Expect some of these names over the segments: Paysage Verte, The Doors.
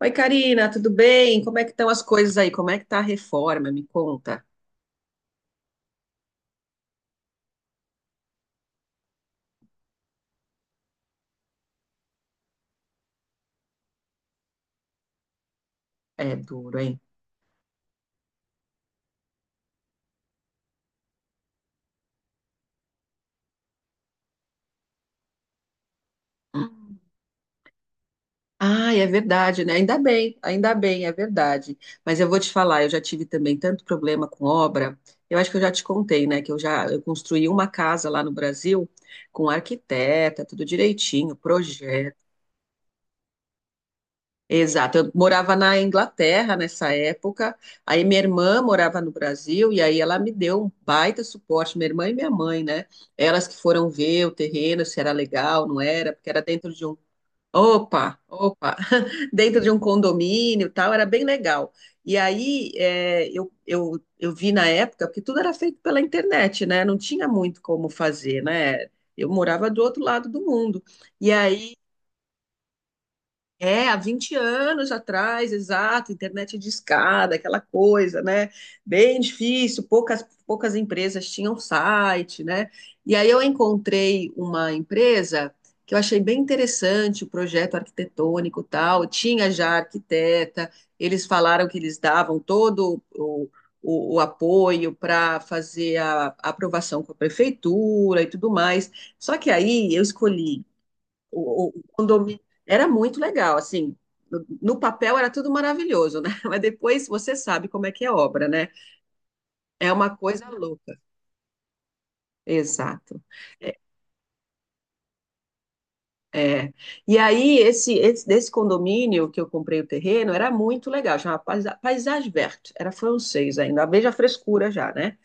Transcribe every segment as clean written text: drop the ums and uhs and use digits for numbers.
Oi, Karina, tudo bem? Como é que estão as coisas aí? Como é que tá a reforma? Me conta. É duro, hein? Ah, é verdade, né? Ainda bem, é verdade. Mas eu vou te falar, eu já tive também tanto problema com obra. Eu acho que eu já te contei, né? Que eu construí uma casa lá no Brasil com arquiteta, tudo direitinho, projeto. Exato. Eu morava na Inglaterra nessa época. Aí minha irmã morava no Brasil e aí ela me deu um baita suporte, minha irmã e minha mãe, né? Elas que foram ver o terreno, se era legal, não era, porque era dentro de um... Opa, opa, dentro de um condomínio e tal, era bem legal. E aí é, eu vi na época, porque tudo era feito pela internet, né? Não tinha muito como fazer, né? Eu morava do outro lado do mundo. E aí é, há 20 anos atrás, exato, internet discada, aquela coisa, né? Bem difícil, poucas empresas tinham site, né? E aí eu encontrei uma empresa que eu achei bem interessante, o projeto arquitetônico e tal, tinha já arquiteta, eles falaram que eles davam todo o apoio para fazer a aprovação com a prefeitura e tudo mais. Só que aí eu escolhi o condomínio era muito legal, assim, no papel era tudo maravilhoso, né? Mas depois você sabe como é que é obra, né? É uma coisa louca. Exato. É, é. E aí, esse desse condomínio que eu comprei o terreno era muito legal, chamava Paysage Verte, era francês ainda, veja a frescura já, né?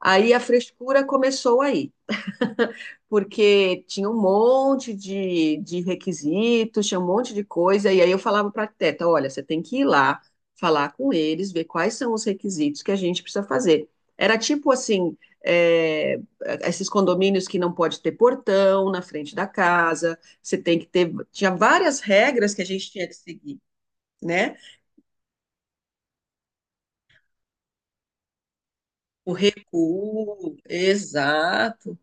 Aí a frescura começou aí. Porque tinha um monte de requisitos, tinha um monte de coisa, e aí eu falava para a arquiteta, olha, você tem que ir lá, falar com eles, ver quais são os requisitos que a gente precisa fazer. Era tipo assim, é, esses condomínios que não pode ter portão na frente da casa, você tem que ter, tinha várias regras que a gente tinha que seguir, né? O recuo, exato.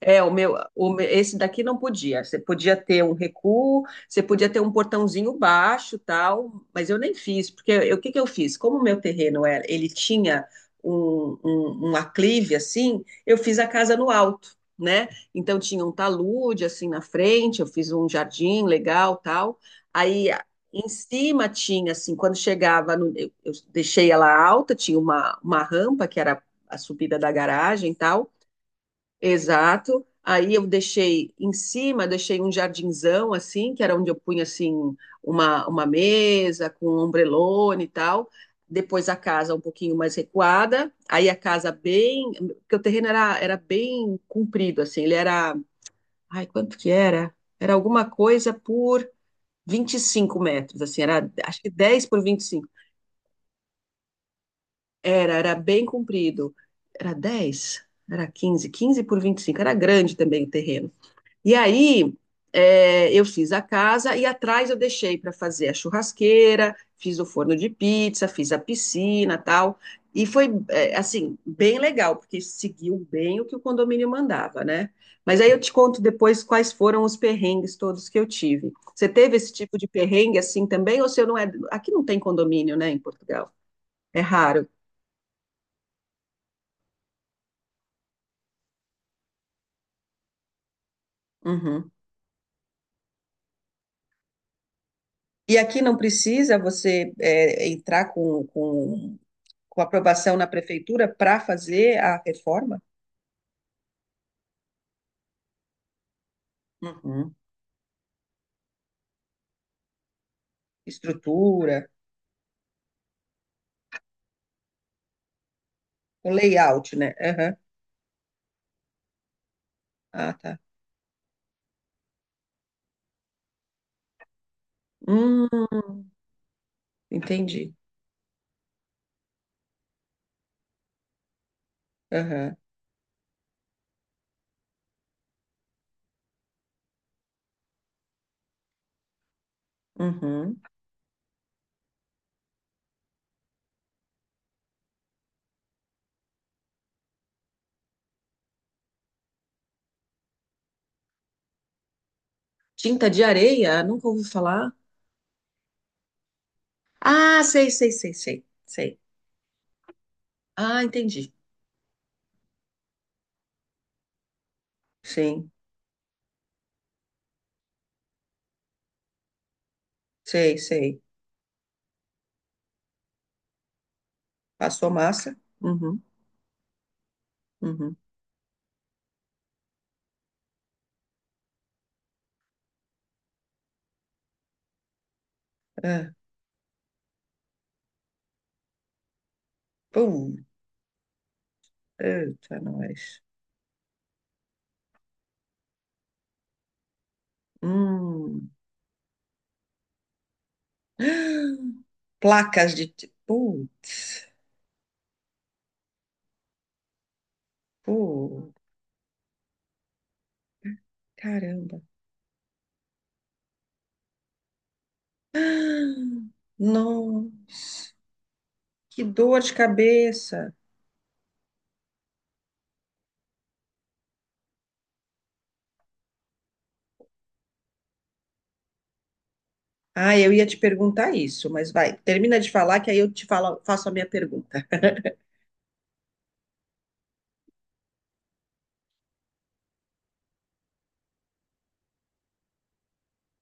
É, o meu, esse daqui não podia. Você podia ter um recuo, você podia ter um portãozinho baixo, tal, mas eu nem fiz, porque eu... o que que eu fiz? Como o meu terreno era, ele tinha um aclive assim, eu fiz a casa no alto, né? Então tinha um talude assim na frente, eu fiz um jardim legal, tal. Aí a- Em cima tinha assim, quando chegava, eu deixei ela alta, tinha uma rampa que era a subida da garagem, tal. Exato. Aí eu deixei em cima, deixei um jardinzão assim, que era onde eu punha assim uma mesa com um ombrelone e tal. Depois a casa um pouquinho mais recuada. Aí a casa bem, porque o terreno era, era bem comprido assim, ele era, ai, quanto que era? Era alguma coisa por 25 metros, assim, era acho que 10 por 25. Era, era bem comprido. Era 10? era 15? 15 por 25? Era grande também o terreno. E aí, é, eu fiz a casa e atrás eu deixei para fazer a churrasqueira, fiz o forno de pizza, fiz a piscina, tal. E foi, é, assim, bem legal, porque seguiu bem o que o condomínio mandava, né? Mas aí eu te conto depois quais foram os perrengues todos que eu tive. Você teve esse tipo de perrengue assim também? Ou se eu não é. Aqui não tem condomínio, né, em Portugal? É raro. Uhum. E aqui não precisa você é, entrar com aprovação na prefeitura para fazer a reforma? Uhum. Estrutura, o layout, né? Aham. Ah, tá. Hum, entendi. Aham. Uhum. Tinta de areia? Nunca ouvi falar. Ah, sei, sei, sei, sei, sei. Ah, entendi. Sim, sei, sei. Passou massa? Uhum, uhum. Ah, pum. Eita, nós. Hum. Placas de... Putz, pô, caramba. Nossa, que dor de cabeça. Ah, eu ia te perguntar isso, mas vai, termina de falar que aí eu te falo, faço a minha pergunta.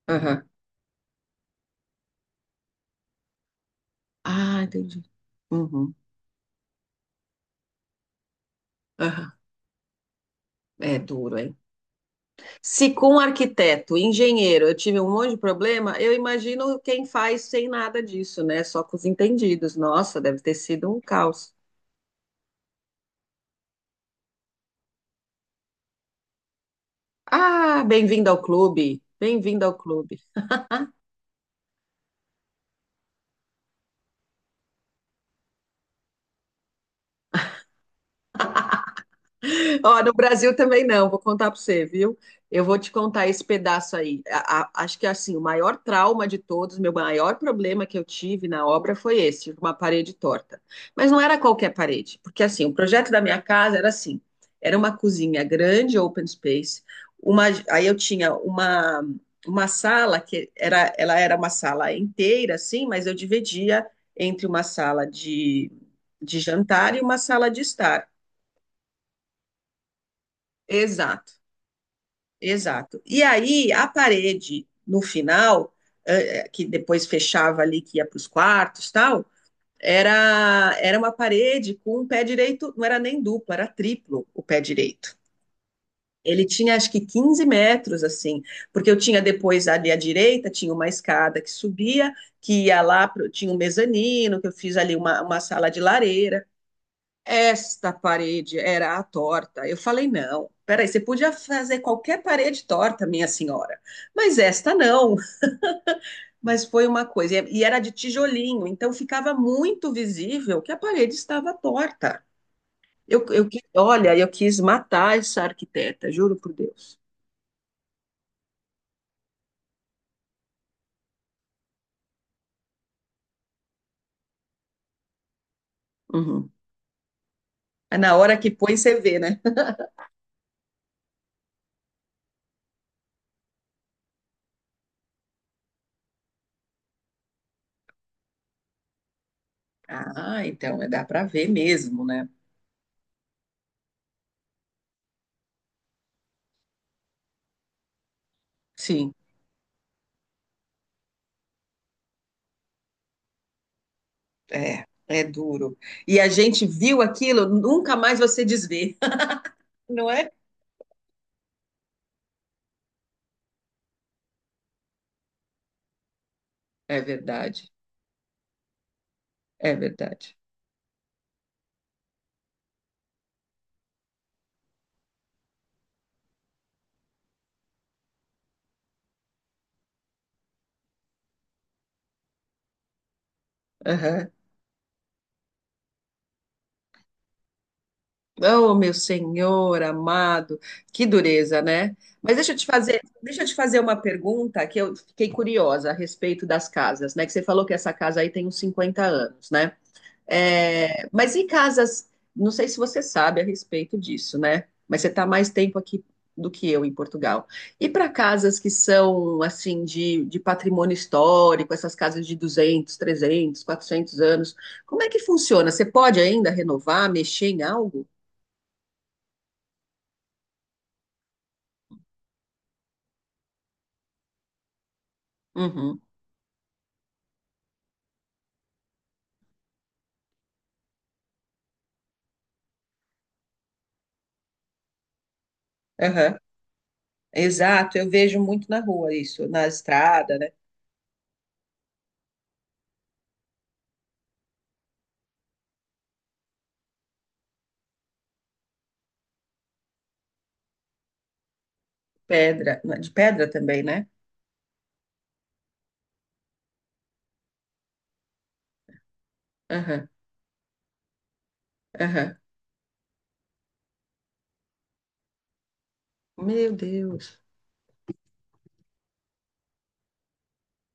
Aham. Ah, entendi. Uhum. Aham. É duro, hein? Se com um arquiteto, engenheiro, eu tive um monte de problema, eu imagino quem faz sem nada disso, né? Só com os entendidos. Nossa, deve ter sido um caos. Ah, bem-vindo ao clube. Bem-vindo ao clube. Ó, no Brasil também não, vou contar para você, viu? Eu vou te contar esse pedaço aí. Acho que assim, o maior trauma de todos, meu maior problema que eu tive na obra foi esse, uma parede torta. Mas não era qualquer parede, porque assim, o projeto da minha casa era assim, era uma cozinha grande, open space, uma, aí eu tinha uma sala que era, ela era uma sala inteira assim, mas eu dividia entre uma sala de jantar e uma sala de estar. Exato. Exato. E aí, a parede, no final, que depois fechava ali, que ia para os quartos, tal, era, era uma parede com um pé direito, não era nem duplo, era triplo o pé direito. Ele tinha, acho que, 15 metros, assim, porque eu tinha depois ali à direita, tinha uma escada que subia, que ia lá, pro, tinha um mezanino, que eu fiz ali uma sala de lareira, esta parede era a torta. Eu falei, não, peraí, você podia fazer qualquer parede torta, minha senhora, mas esta não. Mas foi uma coisa, e era de tijolinho, então ficava muito visível que a parede estava torta. Olha, eu quis matar essa arquiteta, juro por Deus. Uhum. É. Na hora que põe, você vê, né? Ah, então é, dá para ver mesmo, né? Sim, é, é duro. E a gente viu aquilo, nunca mais você desvê, não é? É verdade, é verdade. Aham. Oh, meu Senhor amado, que dureza, né? Mas deixa eu te fazer uma pergunta que eu fiquei curiosa a respeito das casas, né? Que você falou que essa casa aí tem uns 50 anos, né? É, mas em casas, não sei se você sabe a respeito disso, né? Mas você está mais tempo aqui do que eu em Portugal. E para casas que são, assim, de patrimônio histórico, essas casas de 200, 300, 400 anos, como é que funciona? Você pode ainda renovar, mexer em algo? Uhum. Aham. Exato, eu vejo muito na rua isso, na estrada, né? Pedra, de pedra também, né? Aham, aham. Meu Deus.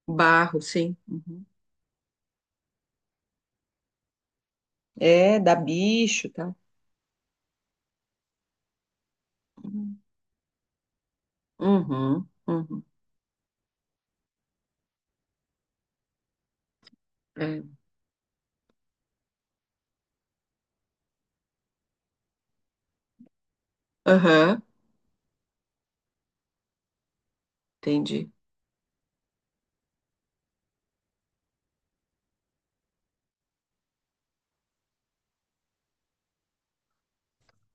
Barro, sim. Uhum. É, dá bicho, tá? Uhum, uhum. É. Aham, entendi.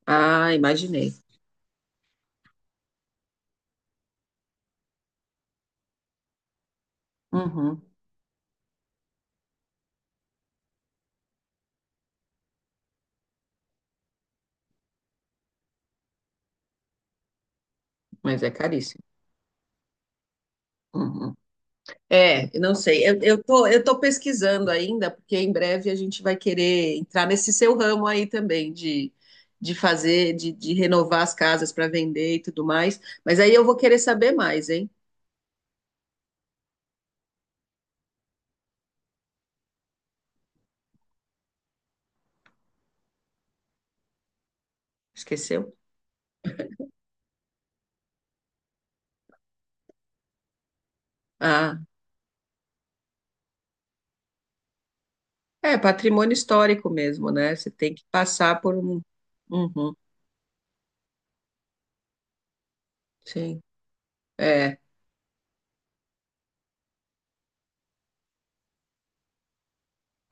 Ah, imaginei. Uhum, mas é caríssimo. Uhum. É, eu não sei. Eu tô, eu tô pesquisando ainda, porque em breve a gente vai querer entrar nesse seu ramo aí também de fazer, de renovar as casas para vender e tudo mais. Mas aí eu vou querer saber mais, hein? Esqueceu? Ah, é patrimônio histórico mesmo, né? Você tem que passar por um. Uhum, sim. É.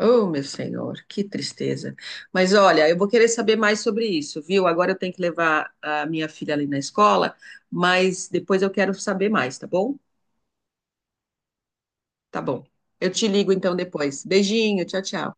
Oh, meu senhor, que tristeza. Mas olha, eu vou querer saber mais sobre isso, viu? Agora eu tenho que levar a minha filha ali na escola, mas depois eu quero saber mais, tá bom? Tá bom. Eu te ligo então depois. Beijinho, tchau, tchau.